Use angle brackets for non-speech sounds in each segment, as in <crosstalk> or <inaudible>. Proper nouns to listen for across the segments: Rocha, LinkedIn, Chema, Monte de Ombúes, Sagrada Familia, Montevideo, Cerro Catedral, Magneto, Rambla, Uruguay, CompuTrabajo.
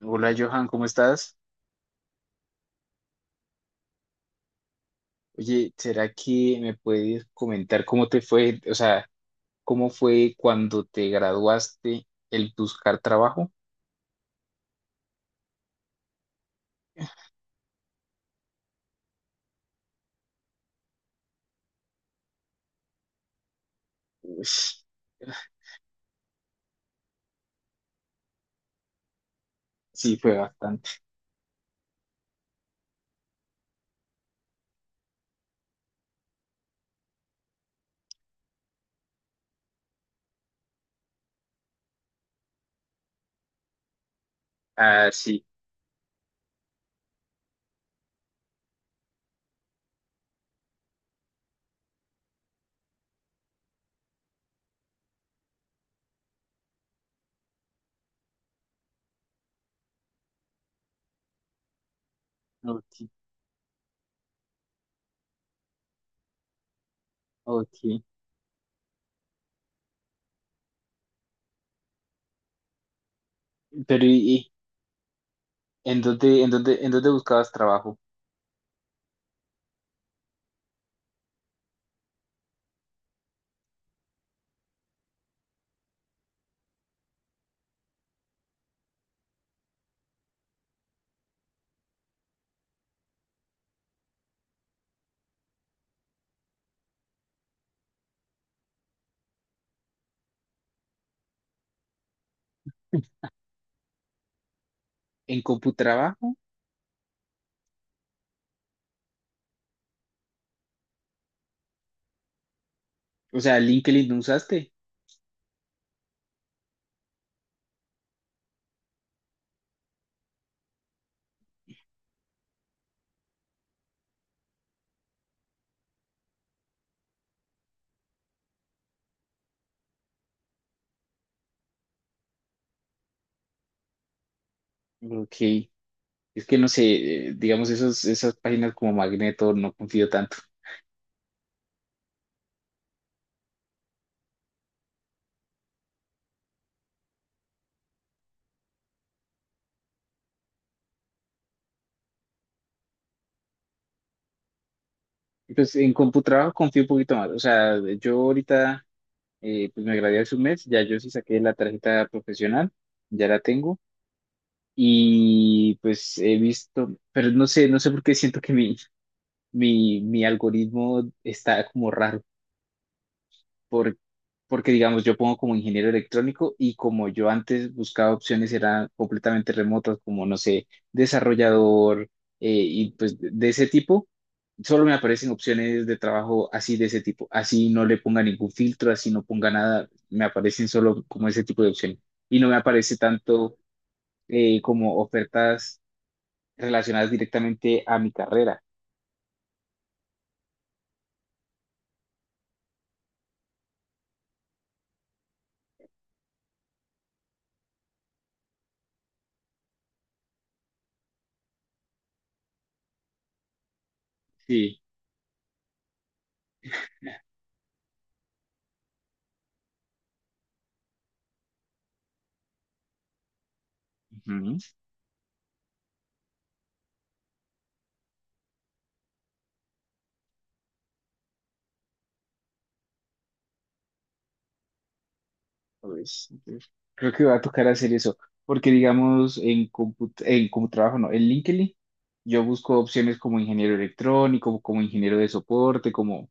Hola Johan, ¿cómo estás? Oye, ¿será que me puedes comentar cómo te fue, o sea, cómo fue cuando te graduaste el buscar trabajo? Ush, sí, fue bastante. Ah, sí. Ok, ok. Pero ¿y en dónde buscabas trabajo? ¿En CompuTrabajo? O sea, ¿LinkedIn no usaste? Ok. Es que no sé, digamos, esas páginas como Magneto no confío tanto. Pues en CompuTrabajo confío un poquito más. O sea, yo ahorita pues me gradué hace un mes, ya yo sí saqué la tarjeta profesional, ya la tengo y pues he visto, pero no sé, por qué siento que mi algoritmo está como raro por- porque digamos, yo pongo como ingeniero electrónico y como yo antes buscaba opciones eran completamente remotas, como no sé, desarrollador y pues de ese tipo, solo me aparecen opciones de trabajo así de ese tipo, así no le ponga ningún filtro, así no ponga nada, me aparecen solo como ese tipo de opciones y no me aparece tanto como ofertas relacionadas directamente a mi carrera. Sí. Ujú. Pues, entonces, creo que va a tocar hacer eso, porque digamos en como trabajo, no, en LinkedIn, yo busco opciones como ingeniero electrónico, como ingeniero de soporte, como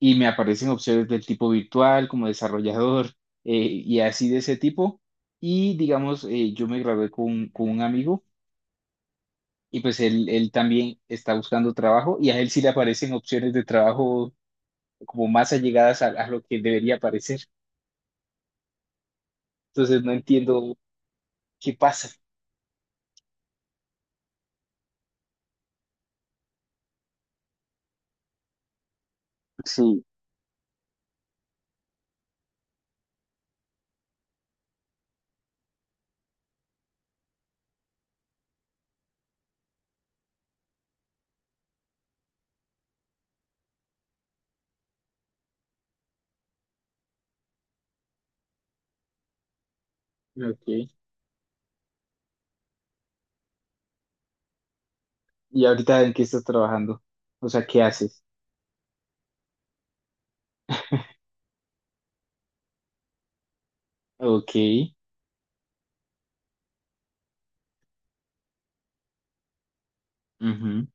y me aparecen opciones del tipo virtual, como desarrollador <laughs> eh, y así de ese tipo. Y digamos, yo me gradué con un amigo y pues él también está buscando trabajo y a él sí le aparecen opciones de trabajo como más allegadas a lo que debería aparecer. Entonces no entiendo qué pasa. Sí, ok. ¿Y ahorita en qué estás trabajando? O sea, ¿qué haces? Ok. Ujú.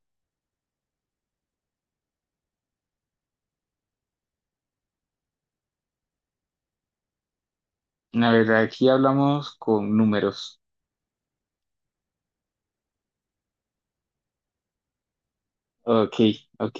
La verdad, aquí hablamos con números. Ok, ok.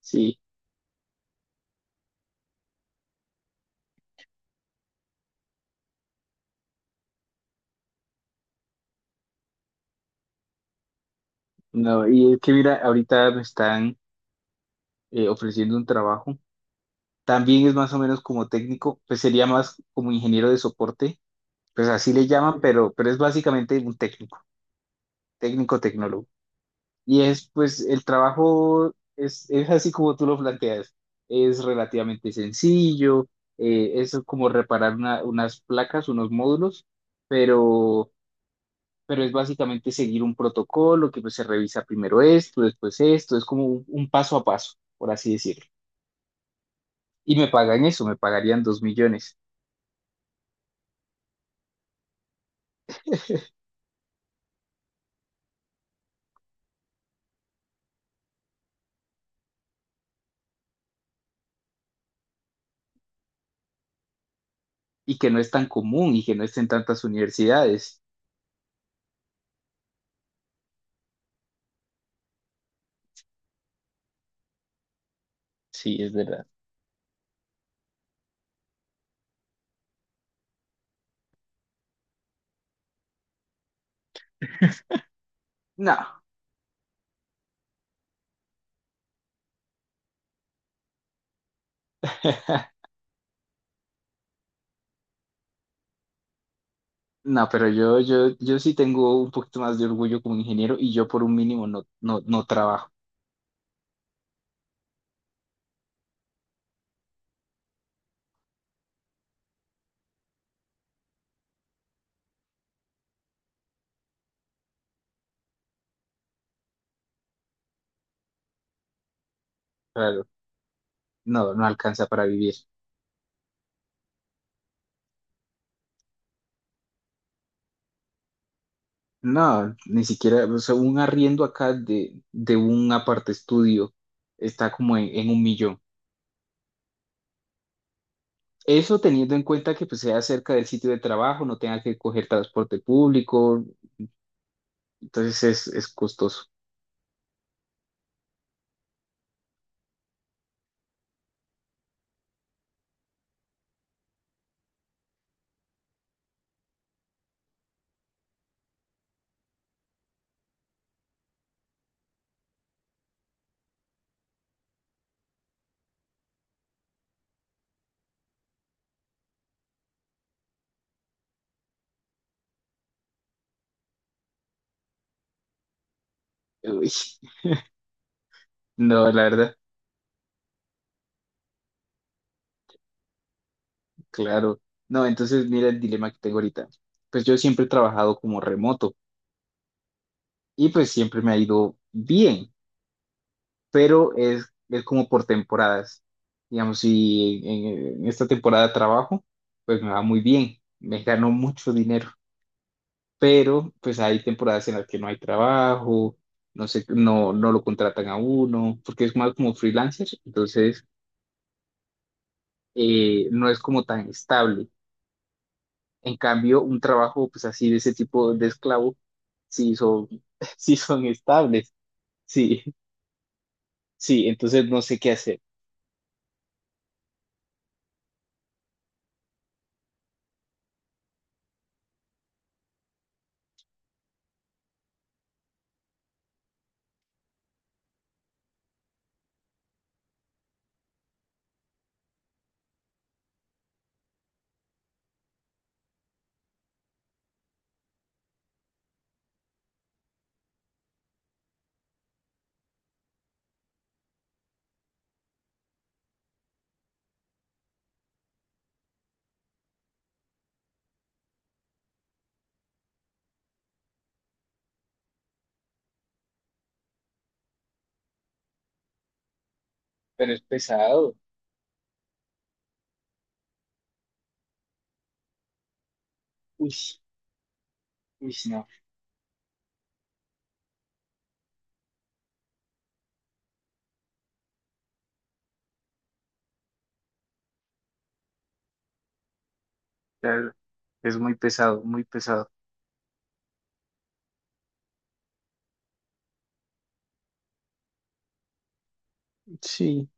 Sí. No, y es que mira, ahorita me están ofreciendo un trabajo. También es más o menos como técnico, pues sería más como ingeniero de soporte. Pues así le llaman, pero, es básicamente un técnico, técnico tecnólogo. Y es, pues, el trabajo es así como tú lo planteas. Es relativamente sencillo, es como reparar unas placas, unos módulos, pero, pero, es básicamente seguir un protocolo que pues, se revisa primero esto, después esto, es como un paso a paso, por así decirlo. Y me pagan eso, me pagarían 2 millones, y que no es tan común y que no esté en tantas universidades. Sí, es verdad. No. <laughs> No, pero yo, sí tengo un poquito más de orgullo como ingeniero y yo por un mínimo no, no, no trabajo. Claro, no, no alcanza para vivir. No, ni siquiera, o sea, un arriendo acá de, un aparte estudio está como en 1 millón. Eso teniendo en cuenta que pues sea cerca del sitio de trabajo, no tenga que coger transporte público, entonces es costoso. Uy, no, la verdad, claro. No, entonces mira el dilema que tengo ahorita. Pues yo siempre he trabajado como remoto y pues siempre me ha ido bien, pero es como por temporadas. Digamos, si en esta temporada trabajo, pues me va muy bien, me gano mucho dinero, pero pues hay temporadas en las que no hay trabajo, no sé, no, no lo contratan a uno, porque es más como freelancer, entonces no es como tan estable. En cambio, un trabajo pues así de ese tipo de esclavo, sí son, <laughs> sí son estables, sí, sí, entonces no sé qué hacer. Pero es pesado. Uy, uy, no. Claro, es muy pesado, muy pesado. Sí,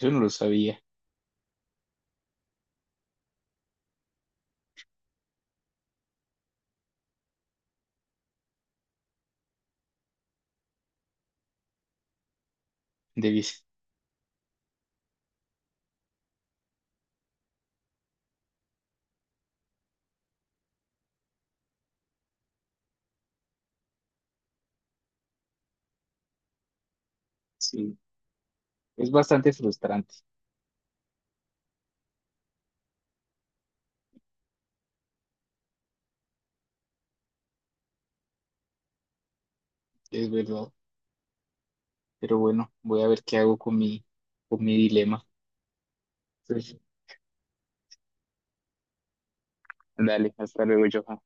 yo no lo sabía. Debí. Sí, es bastante frustrante, es verdad. Pero bueno, voy a ver qué hago con mi, dilema. Entonces, dale, hasta luego, Johan.